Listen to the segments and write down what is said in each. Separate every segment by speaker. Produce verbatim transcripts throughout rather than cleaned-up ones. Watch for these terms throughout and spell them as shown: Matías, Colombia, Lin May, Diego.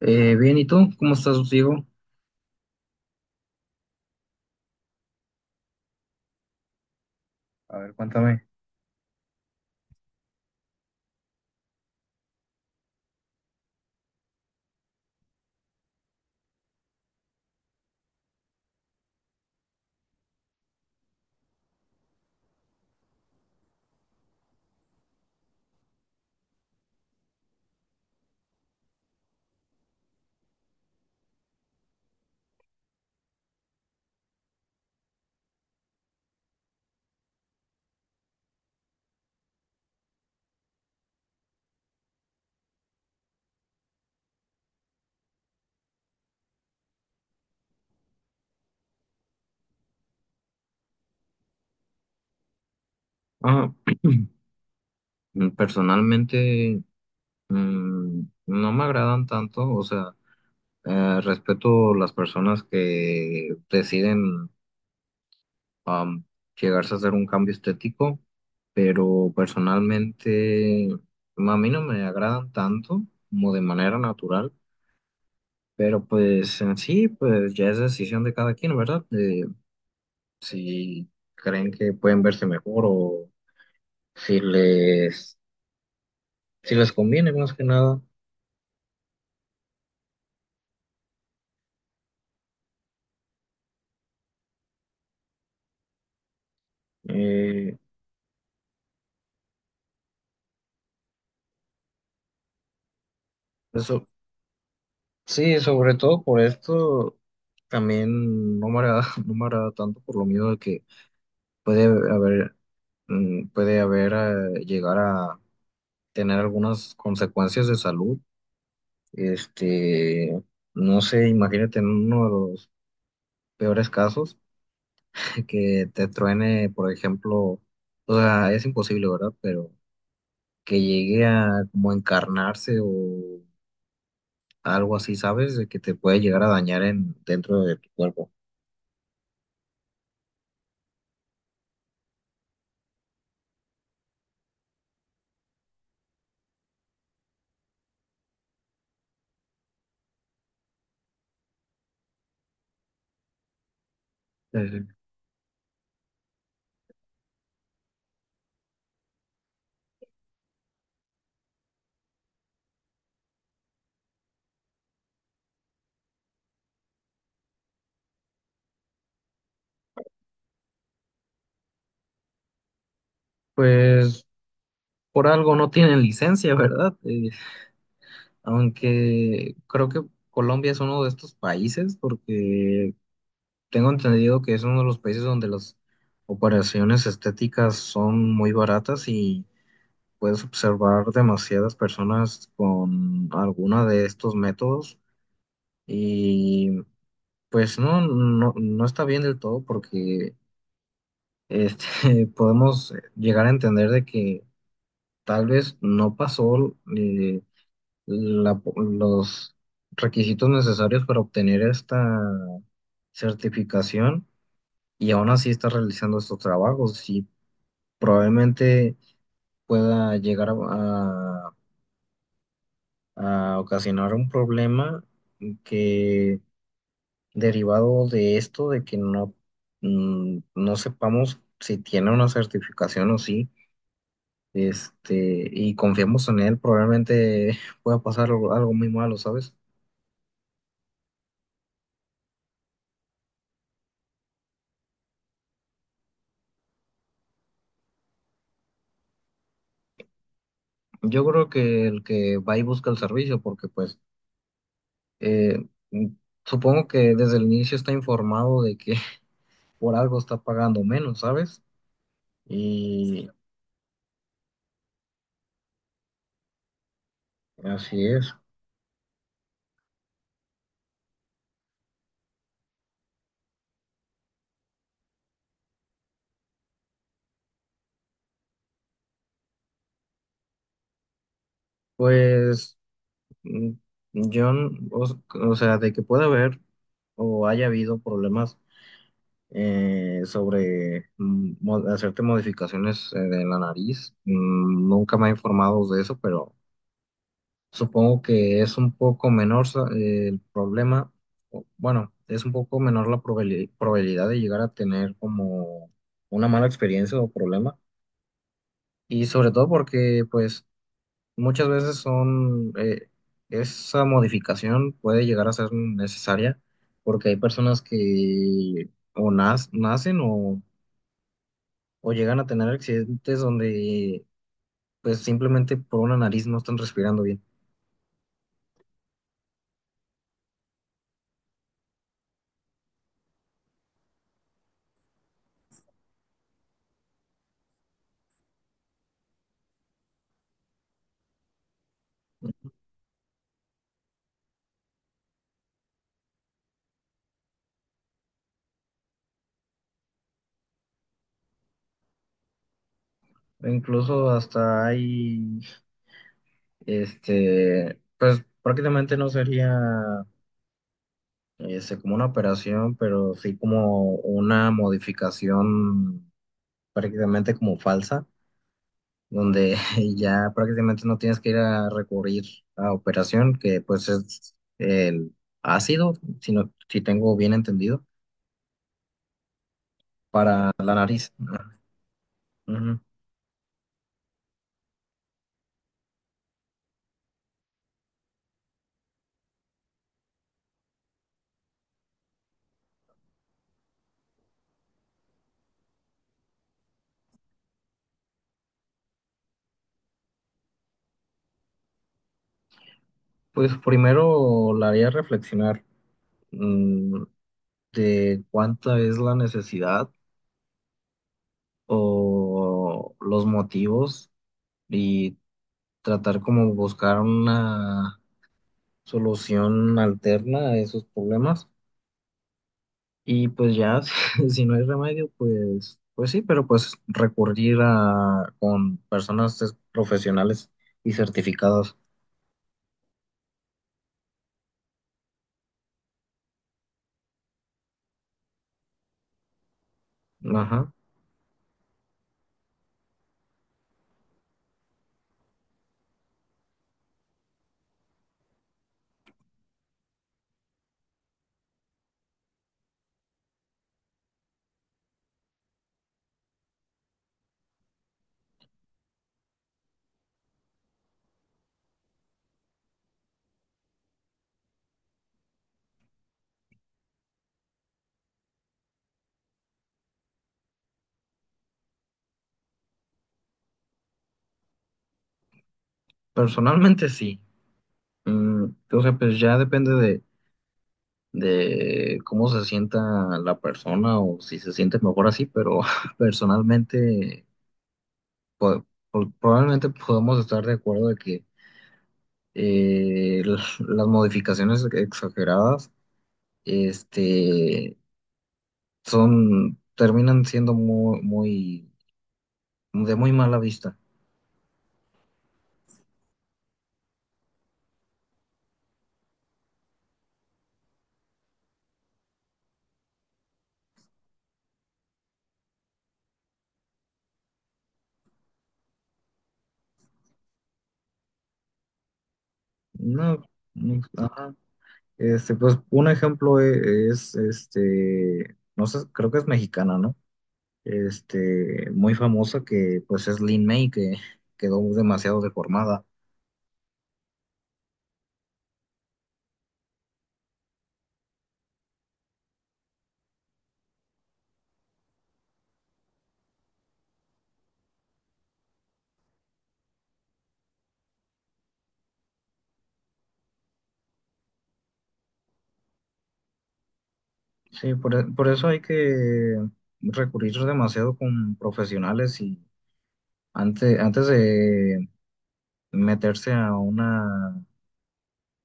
Speaker 1: Eh, bien, ¿y tú? ¿Cómo estás, Diego? A ver, cuéntame. Ah, mm, personalmente, mm, no me agradan tanto, o sea, eh, respeto las personas que deciden am, llegarse a hacer un cambio estético, pero personalmente mm, a mí no me agradan tanto como de manera natural, pero pues en sí, pues ya es decisión de cada quien, ¿verdad? De si creen que pueden verse mejor o si les... si les conviene más que nada. Eh, eso, sí, sobre todo por esto también no me agrada, no me agrada tanto por lo miedo de que puede haber, mm, puede haber eh, llegar a tener algunas consecuencias de salud. Este, no sé, imagínate en uno de los peores casos que te truene, por ejemplo, o sea, es imposible, ¿verdad? Pero que llegue a como encarnarse o algo así, ¿sabes? De que te puede llegar a dañar en, dentro de tu cuerpo. Eh, pues por algo no tienen licencia, ¿verdad? Eh, aunque creo que Colombia es uno de estos países porque tengo entendido que es uno de los países donde las operaciones estéticas son muy baratas y puedes observar demasiadas personas con alguna de estos métodos y pues no, no, no está bien del todo porque este, podemos llegar a entender de que tal vez no pasó eh, la- los requisitos necesarios para obtener esta certificación y aún así está realizando estos trabajos y probablemente pueda llegar a, a- a ocasionar un problema que derivado de esto, de que no, mm, no sepamos si tiene una certificación o sí. Este, y confiamos en él, probablemente pueda pasar algo, algo muy malo, ¿sabes? Yo creo que el que va y busca el servicio, porque pues eh, mm, supongo que desde el inicio está informado de que por algo está pagando menos, ¿sabes? Y así es. Pues mm, yo, n- o, o sea, de que pueda haber o haya habido problemas eh, sobre mm, mo- hacerte modificaciones eh, de la nariz. Mm, nunca me he informado de eso, pero supongo que es un poco menor sa- eh, el problema. o- Bueno, es un poco menor la probabili- probabilidad de llegar a tener como una mala experiencia o problema. Y sobre todo porque, pues, muchas veces son, eh, esa modificación puede llegar a ser necesaria porque hay personas que o nas- nacen o o llegan a tener accidentes donde pues simplemente por una nariz no están respirando bien. O incluso hasta hay, este, pues prácticamente no sería este, como una operación, pero sí como una modificación prácticamente como falsa, donde ya prácticamente no tienes que ir a recurrir a operación, que pues es el ácido, si, no- si tengo bien entendido, para la nariz. Ujú. Pues primero la haría reflexionar mm, de cuánta es la necesidad o los motivos y tratar como buscar una solución alterna a esos problemas. Y pues ya, si, si no hay remedio, pues, pues sí, pero pues recurrir a con personas es- profesionales y certificadas. Ajá. Personalmente sí. Mm, o sea, pues ya depende de cómo se sienta la persona o si se siente mejor así, pero personalmente po- po- probablemente podemos estar de acuerdo de que eh, la- las modificaciones exageradas este, son, terminan siendo muy, muy, de muy mala vista. No, no, ajá. Este, pues un ejemplo e- es, este, no sé, creo que es mexicana, ¿no? Este, muy famosa que pues es Lin May, que quedó demasiado deformada. Sí, por, e- por eso hay que recurrir demasiado con profesionales y antes, antes de meterse a una,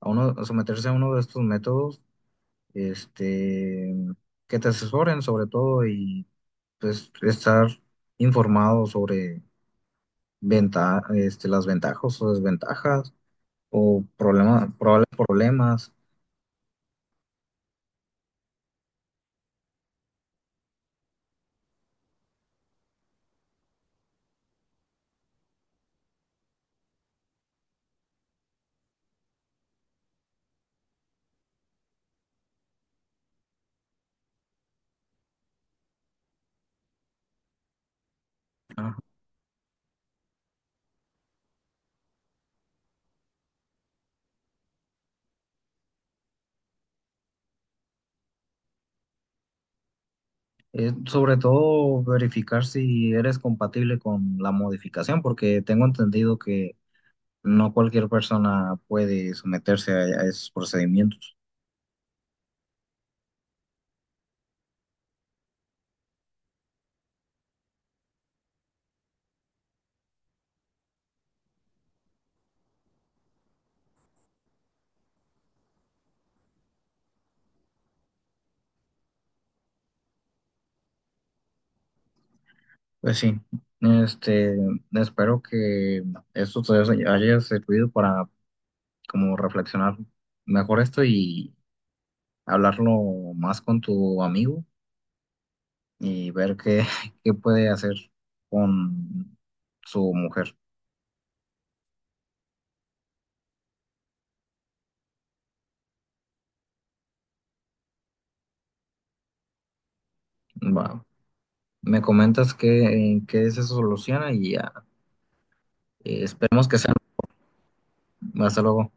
Speaker 1: a uno, a someterse a uno de estos métodos, este, que te asesoren sobre todo y pues estar informado sobre venta, este, las ventajas o desventajas o problemas, probables problemas. Eh, sobre todo verificar si eres compatible con la modificación, porque tengo entendido que no cualquier persona puede someterse a, a esos procedimientos. Pues sí, este, espero que esto te haya servido para como reflexionar mejor esto y hablarlo más con tu amigo y ver qué, qué puede hacer con su mujer. Va. Me comentas que, en qué se soluciona y ya. Y esperemos que sean. Hasta luego.